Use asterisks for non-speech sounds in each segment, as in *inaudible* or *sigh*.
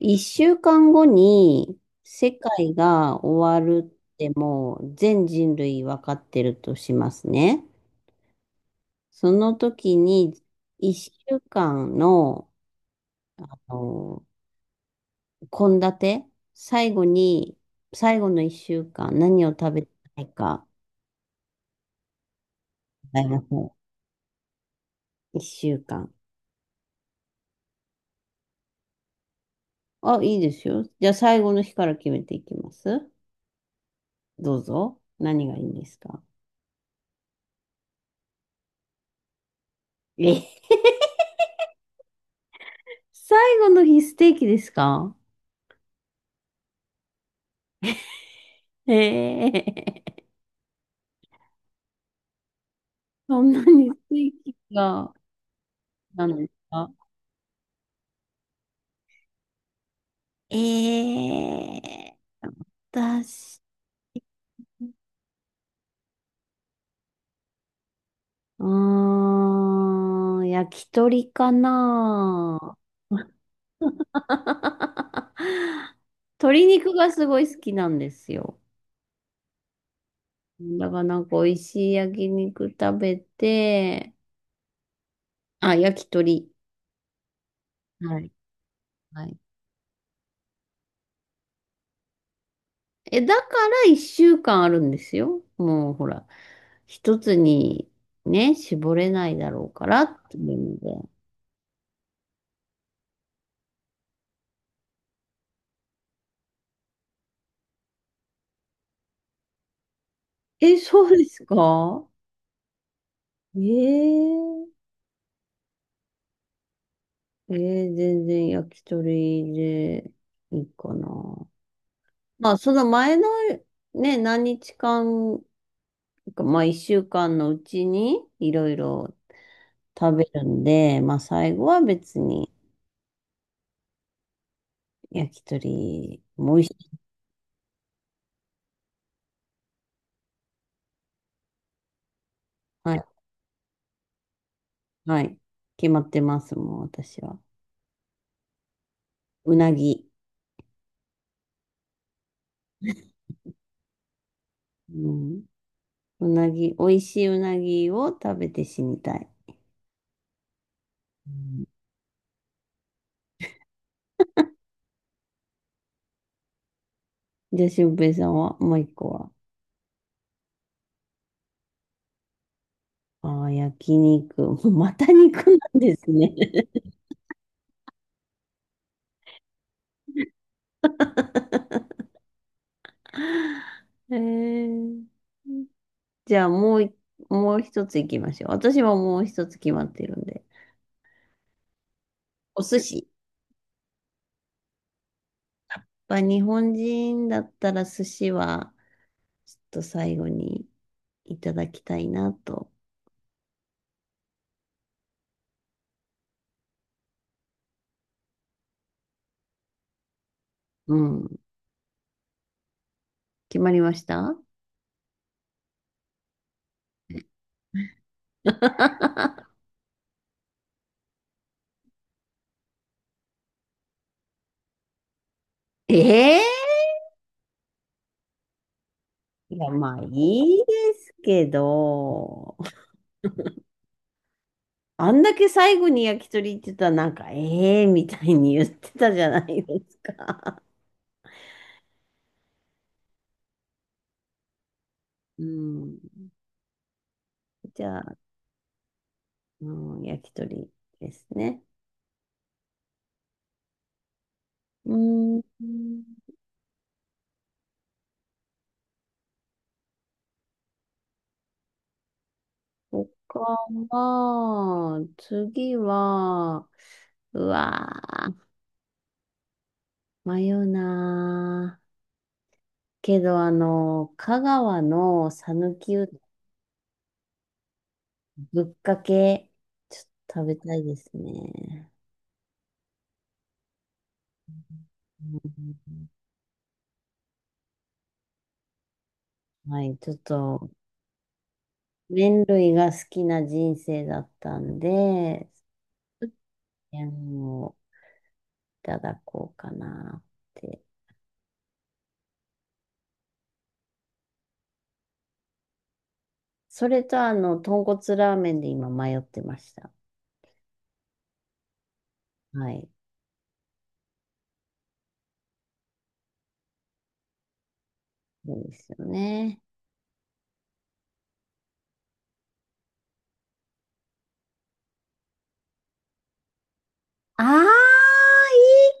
一週間後に世界が終わるってもう全人類わかってるとしますね。その時に一週間の、あの、献立、最後に、最後の一週間何を食べたいか考えましょう。一週間。あ、いいですよ。じゃあ最後の日から決めていきます。どうぞ。何がいいんですか？え *laughs*、最後の日ステーキですか？ええ、そんなにステーが、なんですか？ええ、私、焼き鳥かな。*laughs* 鶏肉がすごい好きなんですよ。だからなんか美味しい焼肉食べて、あ、焼き鳥。はい。はい。え、だから一週間あるんですよ。もうほら、一つにね、絞れないだろうからっていうので。え、そうですか？えー、えー全然焼き鳥でいいかな。まあ、その前のね、何日間か、まあ、一週間のうちにいろいろ食べるんで、まあ、最後は別に焼き鳥も美味しい。はい、はい。決まってます、もう私は。うなぎ。うん。うなぎ、美味しいうなぎを食べて死にたい。うん、じゃあ、俊平さんは、もう一個は？ああ、焼肉。*laughs* もうまた肉なんですね。*laughs* えー、じゃあ、もう一つ行きましょう。私はもう一つ決まってるんで。お寿司。まあ、日本人だったら寿司は、ちょっと最後にいただきたいなと。うん。決まりました？ *laughs* ええ、いや、まあ、いいですけど、あんだけ最後に焼き鳥言ってたら、ええー、みたいに言ってたじゃないですか。うん。じゃあ、うん、焼き鳥ですね。うん。他は、次は、うわー、迷うなー。けど、香川の讃岐うどん、ぶっかけ、ちょっと食べたいですね。うん、はい、ちょっと麺類が好きな人生だったんで、麺をいただこうかなって。それと豚骨ラーメンで今迷ってました。はい。そうですよね。ああ、いいかも。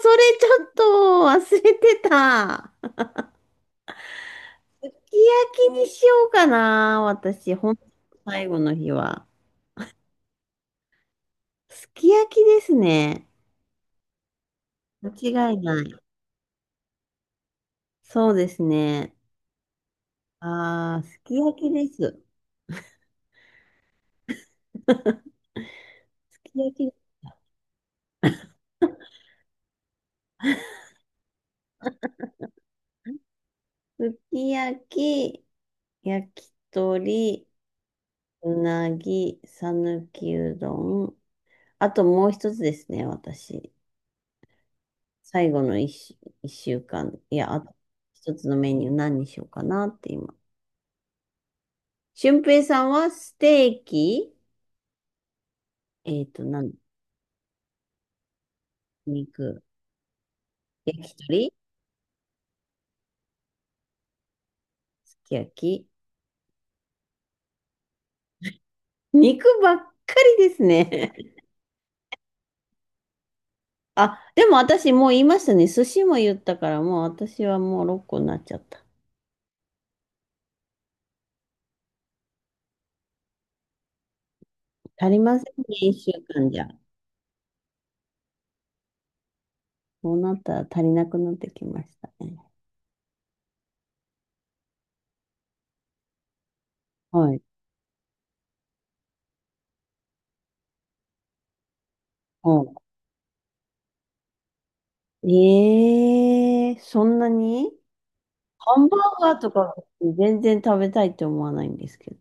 それちょっと忘れてた。すき焼きにしようかな。私、ほんと最後の日は。すき焼きですね。間違いない。そうですね。ああ、すき焼きです。*laughs* き焼き、*laughs* すき焼き、焼き鳥、うなぎ、さぬきうどん。あともう一つですね、私。最後の一週、一週間。いや、あと一つのメニュー何にしようかなって今。俊平さんはステーキ、えっと、なん、肉、焼き鳥、すき焼き。肉ばっかりですね。*laughs* あ、でも私もう言いましたね。寿司も言ったから、もう私はもう6個になっちゃった。足りませんね、一週間じゃ。そうなったら足りなくなってきましたね。はい。はい。えー、そんなにハンバーガーとか全然食べたいって思わないんですけど。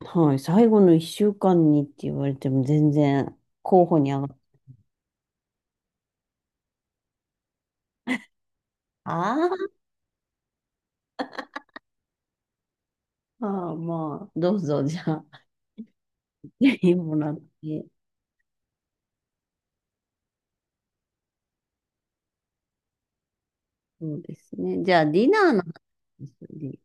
はい、最後の一週間にって言われても全然候補に上がっあーあー、まあ、どうぞ、じゃあ、ぜひもらって。そうですね。じゃあ、ディナーの話で。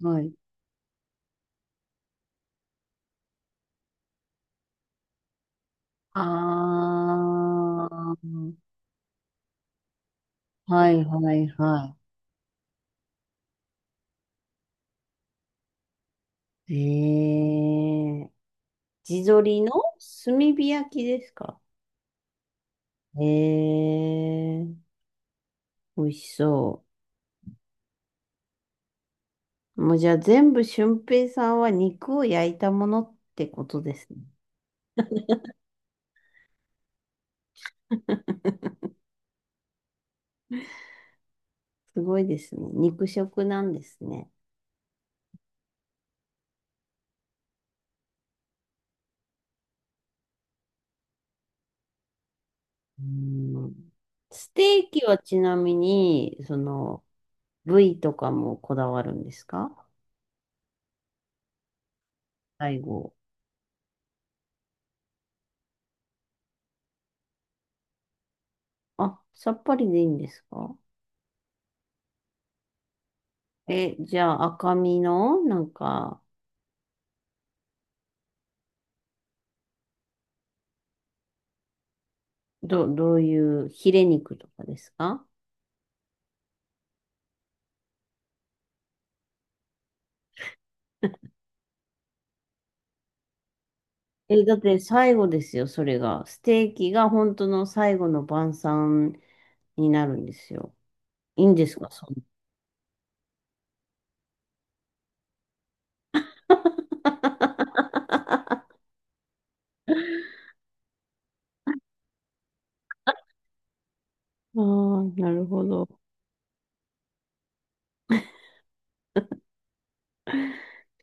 はい。ああ、はいはいはい。ええ、地鶏の炭火焼きですか？ええ、美味しそう。もうじゃあ全部俊平さんは肉を焼いたものってことですね。すごいですね。肉食なんですね。うん。ステーキはちなみに、その、部位とかもこだわるんですか？最後。あ、さっぱりでいいんですか？え、じゃあ赤身の、なんか、どういうヒレ肉とかですか？え、だって最後ですよ、それが。ステーキが本当の最後の晩餐になるんですよ。いいんですかそんな？ああ、なるほど。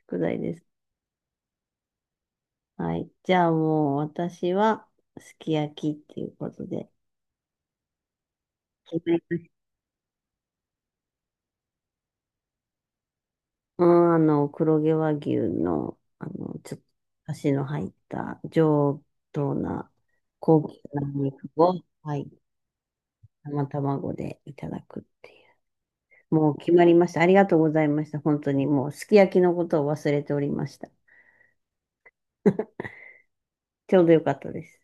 宿題です。はい。じゃあもう私は、すき焼きっていうことで。決まりました？うん、黒毛和牛の、ちょっと、だしの入った上等な高級なお肉を、はい、生卵でいただくっていう。もう決まりました。ありがとうございました。本当にもうすき焼きのことを忘れておりました。*laughs* ちょうどよかったです。